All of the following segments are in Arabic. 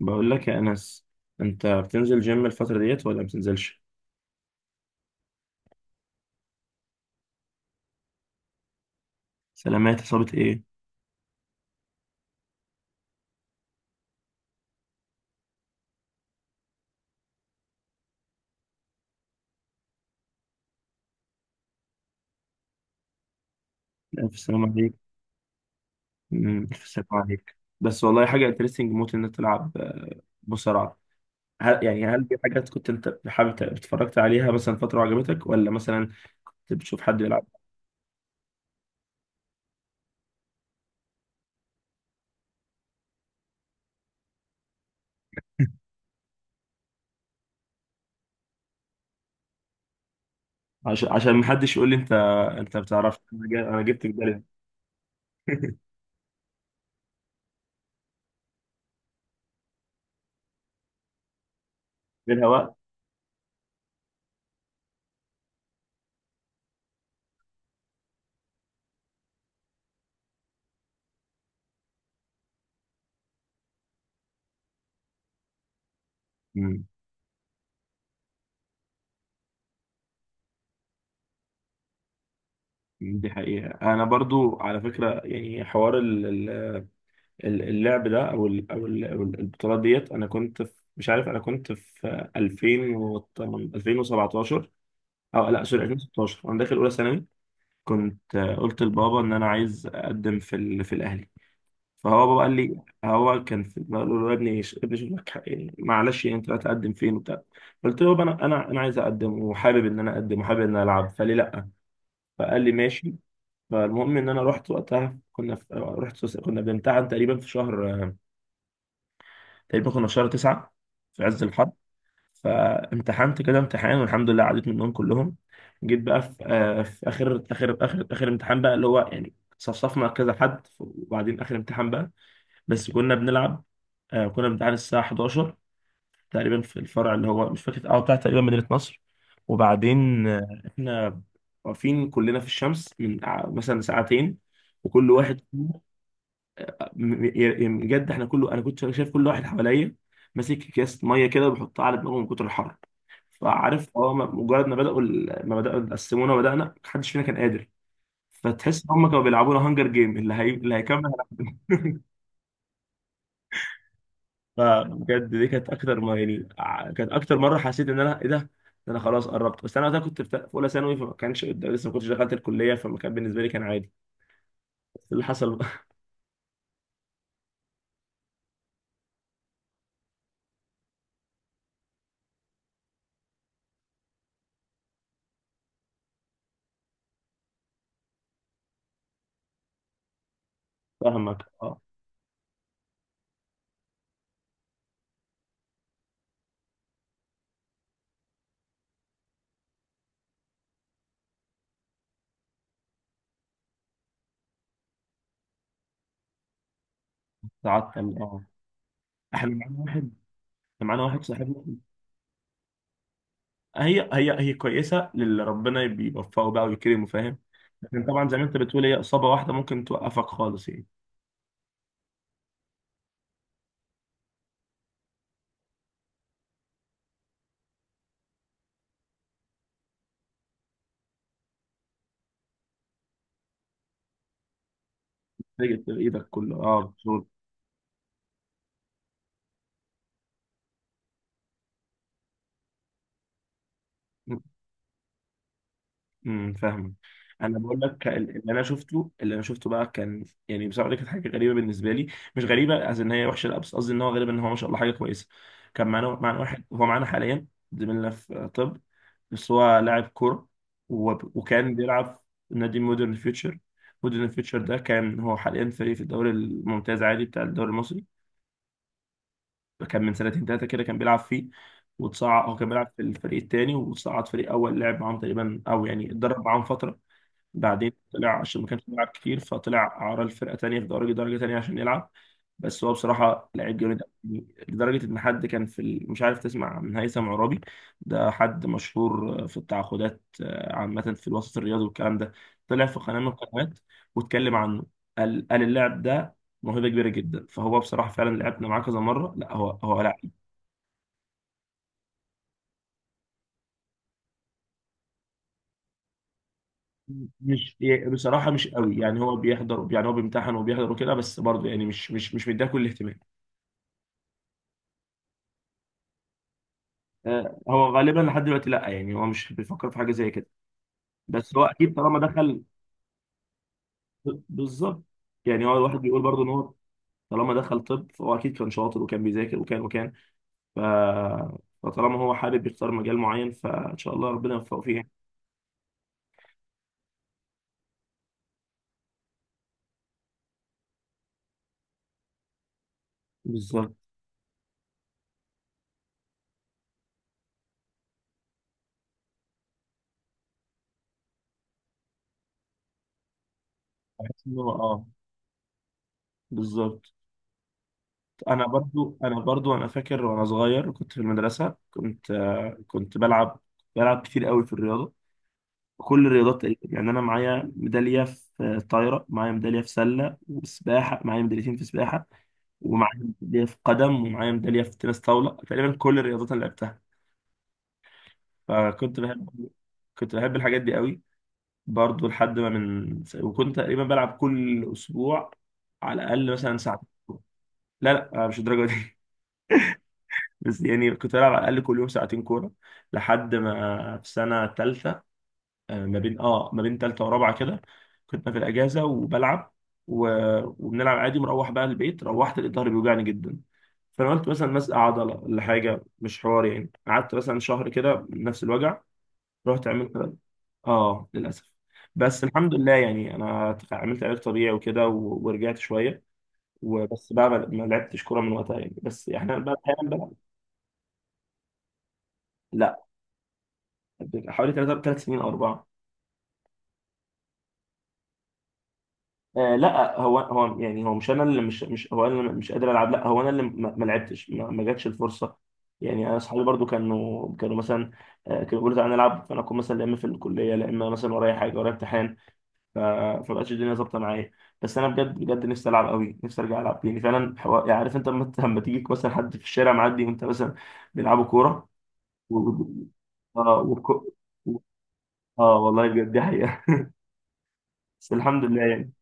بقول لك يا أنس، أنت بتنزل جيم الفترة ديت ولا بتنزلش؟ سلامات، إصابة إيه؟ ألف سلامة عليك. ألف سلامة عليك، بس والله حاجة انترستنج موت إنك تلعب مصارعة. هل يعني هل دي حاجات كنت أنت حابب اتفرجت عليها مثلا فترة وعجبتك، ولا مثلا أنت بتشوف حد يلعب؟ عشان محدش يقول لي أنت، أنت بتعرفش أنا أنا جبت في بالي. منها وقت. أمم، دي حقيقة. أنا برضو على فكرة يعني حوار اللعب ده او ال- او ال- أو ال- البطولات ديت، انا كنت في مش عارف، انا كنت في 2000 و 2017، او لا سوري، 2016، وانا داخل اولى ثانوي. كنت قلت لبابا ان انا عايز اقدم في الاهلي. فهو بابا قال لي، هو كان في بقول له يا ابني ابني شوف لك حق، يعني معلش يعني انت هتقدم فين وبتاع. قلت له يابا انا عايز اقدم وحابب ان انا اقدم وحابب ان انا العب، فليه لا؟ فقال لي ماشي. فالمهم ان انا رحت رحت كنا بنمتحن تقريبا في شهر، تقريبا كنا في شهر تسعة، في عز الحر. فامتحنت كده امتحان، والحمد لله عديت منهم كلهم. جيت بقى في، في آخر امتحان بقى، اللي هو يعني صفصفنا كذا حد، وبعدين آخر امتحان بقى. بس كنا بنلعب. آه كنا بنتعاد الساعة 11 تقريبا في الفرع اللي هو مش فاكر اه بتاع، تقريبا مدينة نصر. وبعدين احنا واقفين كلنا في الشمس من مثلا ساعتين، وكل واحد م- يعني بجد احنا كله، انا كنت شايف كل واحد حواليا ماسك اكياس ميه كده وبيحطها على دماغه من كتر الحر. فعارف اه مجرد ما بداوا قسمونا وبدانا، محدش فينا كان قادر. فتحس ان هم كانوا بيلعبونا هانجر جيم، اللي هيكمل. فبجد دي كانت اكتر ما يعني، كانت اكتر مره حسيت ان انا ايه ده، ده انا خلاص قربت. بس انا وقتها كنت في اولى ثانوي، فما كانش لسه ما كنتش دخلت الكليه، فما كان بالنسبه لي، كان عادي. بس اللي حصل فاهمك اه. تعطل اه. احنا معانا واحد احنا معانا واحد صاحبنا. هي كويسه للي ربنا بيوفقه بقى ويكرمه، فاهم. لكن طبعا زي ما انت بتقول، هي اصابه واحده ممكن توقفك خالص يعني. تيجي في ايدك كله اه بطول. فاهم. انا بقول لك اللي انا شفته، بقى كان يعني بصراحه، دي كانت حاجه غريبه بالنسبه لي. مش غريبه قصدي ان هي وحشه لا، بس قصدي ان هو غريب ان هو، ما شاء الله، حاجه كويسه. كان معانا واحد، هو معانا حاليا، زميلنا في طب. بس هو لاعب كوره، وكان بيلعب في نادي مودرن فيوتشر. مودرن فيوتشر ده كان، هو حاليا فريق في الدوري الممتاز عادي، بتاع الدوري المصري. كان من سنتين ثلاثه كده كان بيلعب فيه. وتصعد، هو كان بيلعب في الفريق الثاني، وتصعد فريق اول، لعب معاهم تقريبا او يعني اتدرب معاهم فتره. بعدين طلع عشان ما كانش بيلعب كتير، فطلع عرى الفرقة تانية في درجة تانية عشان يلعب. بس هو بصراحة لعيب جامد أوي. لدرجة إن حد كان مش عارف تسمع من هيثم عرابي؟ ده حد مشهور في التعاقدات عامة في الوسط الرياضي والكلام ده. طلع في قناة من القنوات واتكلم عنه. قال اللاعب ده موهبة كبيرة جدا. فهو بصراحة فعلا لعبنا معاه كذا مرة، لا هو هو لا. مش، بصراحة مش قوي يعني. هو بيحضر يعني، هو بيمتحن وبيحضر وكده، بس برضه يعني مش مديها كل الاهتمام. هو غالبا لحد دلوقتي لا، يعني هو مش بيفكر في حاجه زي كده. بس هو اكيد طالما دخل. بالظبط. يعني هو الواحد بيقول برضه ان هو، طالما دخل طب فهو اكيد كان شاطر، وكان بيذاكر وكان وكان. ف... فطالما هو حابب يختار مجال معين، فان شاء الله ربنا يوفقه فيه يعني. بالظبط. بحس ان هو اه، بالظبط. انا برضو، انا فاكر وانا صغير كنت في المدرسه، كنت كنت بلعب، بلعب كتير قوي في الرياضه. كل الرياضات تقريبا يعني، انا معايا ميداليه في طايره، معايا ميداليه في سله وسباحه، معايا ميداليتين في سباحه، ومعايا ميداليه في قدم، ومعايا ميداليه في تنس طاوله، تقريبا كل الرياضات اللي لعبتها. فكنت بحب، كنت بحب الحاجات دي قوي. برضو لحد ما من، وكنت تقريبا بلعب كل اسبوع على الاقل مثلا ساعتين. لا لا مش الدرجه دي. بس يعني كنت بلعب على الاقل كل يوم ساعتين كوره. لحد ما في سنه ثالثه، ما بين اه ما بين تالتة ورابعة كده، كنت في الأجازة وبلعب و... وبنلعب عادي، مروح بقى البيت، روحت لقيت ظهري بيوجعني جدا. فأنا قلت مثلا مزق عضلة ولا حاجة، مش حوار يعني. قعدت مثلا شهر كده نفس الوجع. رحت عملت، اه للأسف. بس الحمد لله يعني، أنا عملت علاج طبيعي وكده ورجعت شوية. وبس بقى، ما لعبتش كورة من وقتها يعني، بس احنا بقى احيانا بلعب. لا، حوالي ثلاث سنين او اربعه. آه لا هو هو يعني، هو مش انا اللي مش، مش هو انا اللي مش قادر العب، لا هو انا اللي ما لعبتش، ما جاتش الفرصه. يعني انا اصحابي برضو كانوا مثلا كانوا بيقولوا تعالى نلعب، فانا اكون مثلا لا اما في الكليه، لا اما مثلا ورايا حاجه، ورايا امتحان. ف- فمبقتش الدنيا ظابطه معايا. بس انا بجد بجد نفسي العب قوي، نفسي ارجع العب، يعني فعلا يعني عارف انت لما تيجيك مثلا حد في الشارع معدي، وانت مثلا بيلعبوا كوره و... و- اه اه والله بجد دي حقيقه. بس الحمد لله يعني.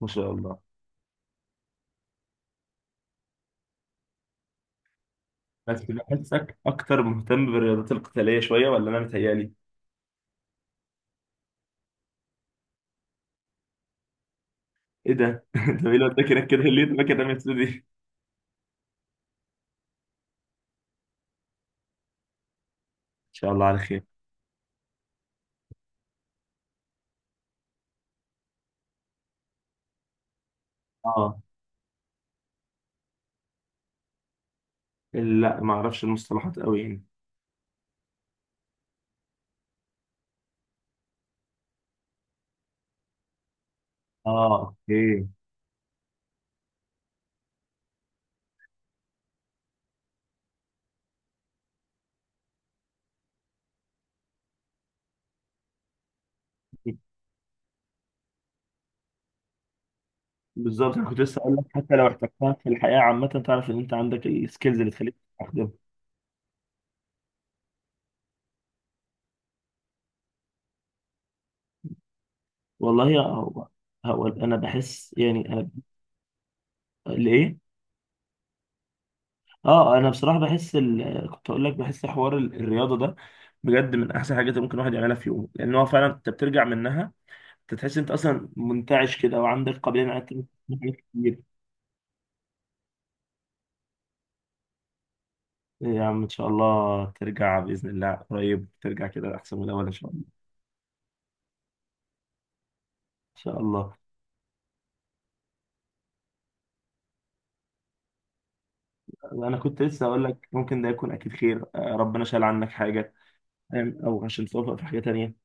ما شاء الله. بس بحسك اكتر مهتم بالرياضات القتاليه شويه، ولا انا متهيالي؟ ايه ده طب ايه اللي وداك هناك كده؟ ليه وداك رمية دي؟ ان شاء الله على خير. اه لا ما اعرفش المصطلحات قوي يعني. اه اوكي. بالظبط، انا كنت لسه اقول لك حتى لو احتجتها في الحياه عامه، تعرف ان انت عندك السكيلز اللي تخليك تستخدمها. والله يا هو، هو انا بحس يعني انا، ليه؟ اه انا بصراحه بحس كنت اقول لك بحس حوار الرياضه ده بجد من احسن حاجات اللي ممكن الواحد يعملها في يومه. لان هو فعلا انت بترجع منها، انت تحس انت اصلا منتعش كده، وعندك قابليه انك تعمل حاجات كتير. إيه يا عم، ان شاء الله ترجع باذن الله قريب، ترجع كده احسن من الاول ان شاء الله. ان شاء الله. انا كنت لسه اقول لك، ممكن ده يكون اكيد خير، ربنا شال عنك حاجه، او عشان توفق في حاجه تانية.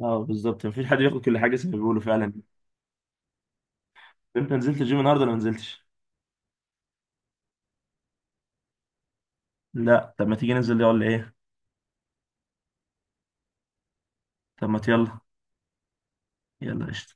اه بالظبط، مفيش حد بياخد كل حاجه زي ما بيقولوا فعلا. انت نزلت الجيم النهارده ولا ما نزلتش؟ لا طب ما تيجي ننزل، يلا ايه. طب ما يلا، يلا قشطه.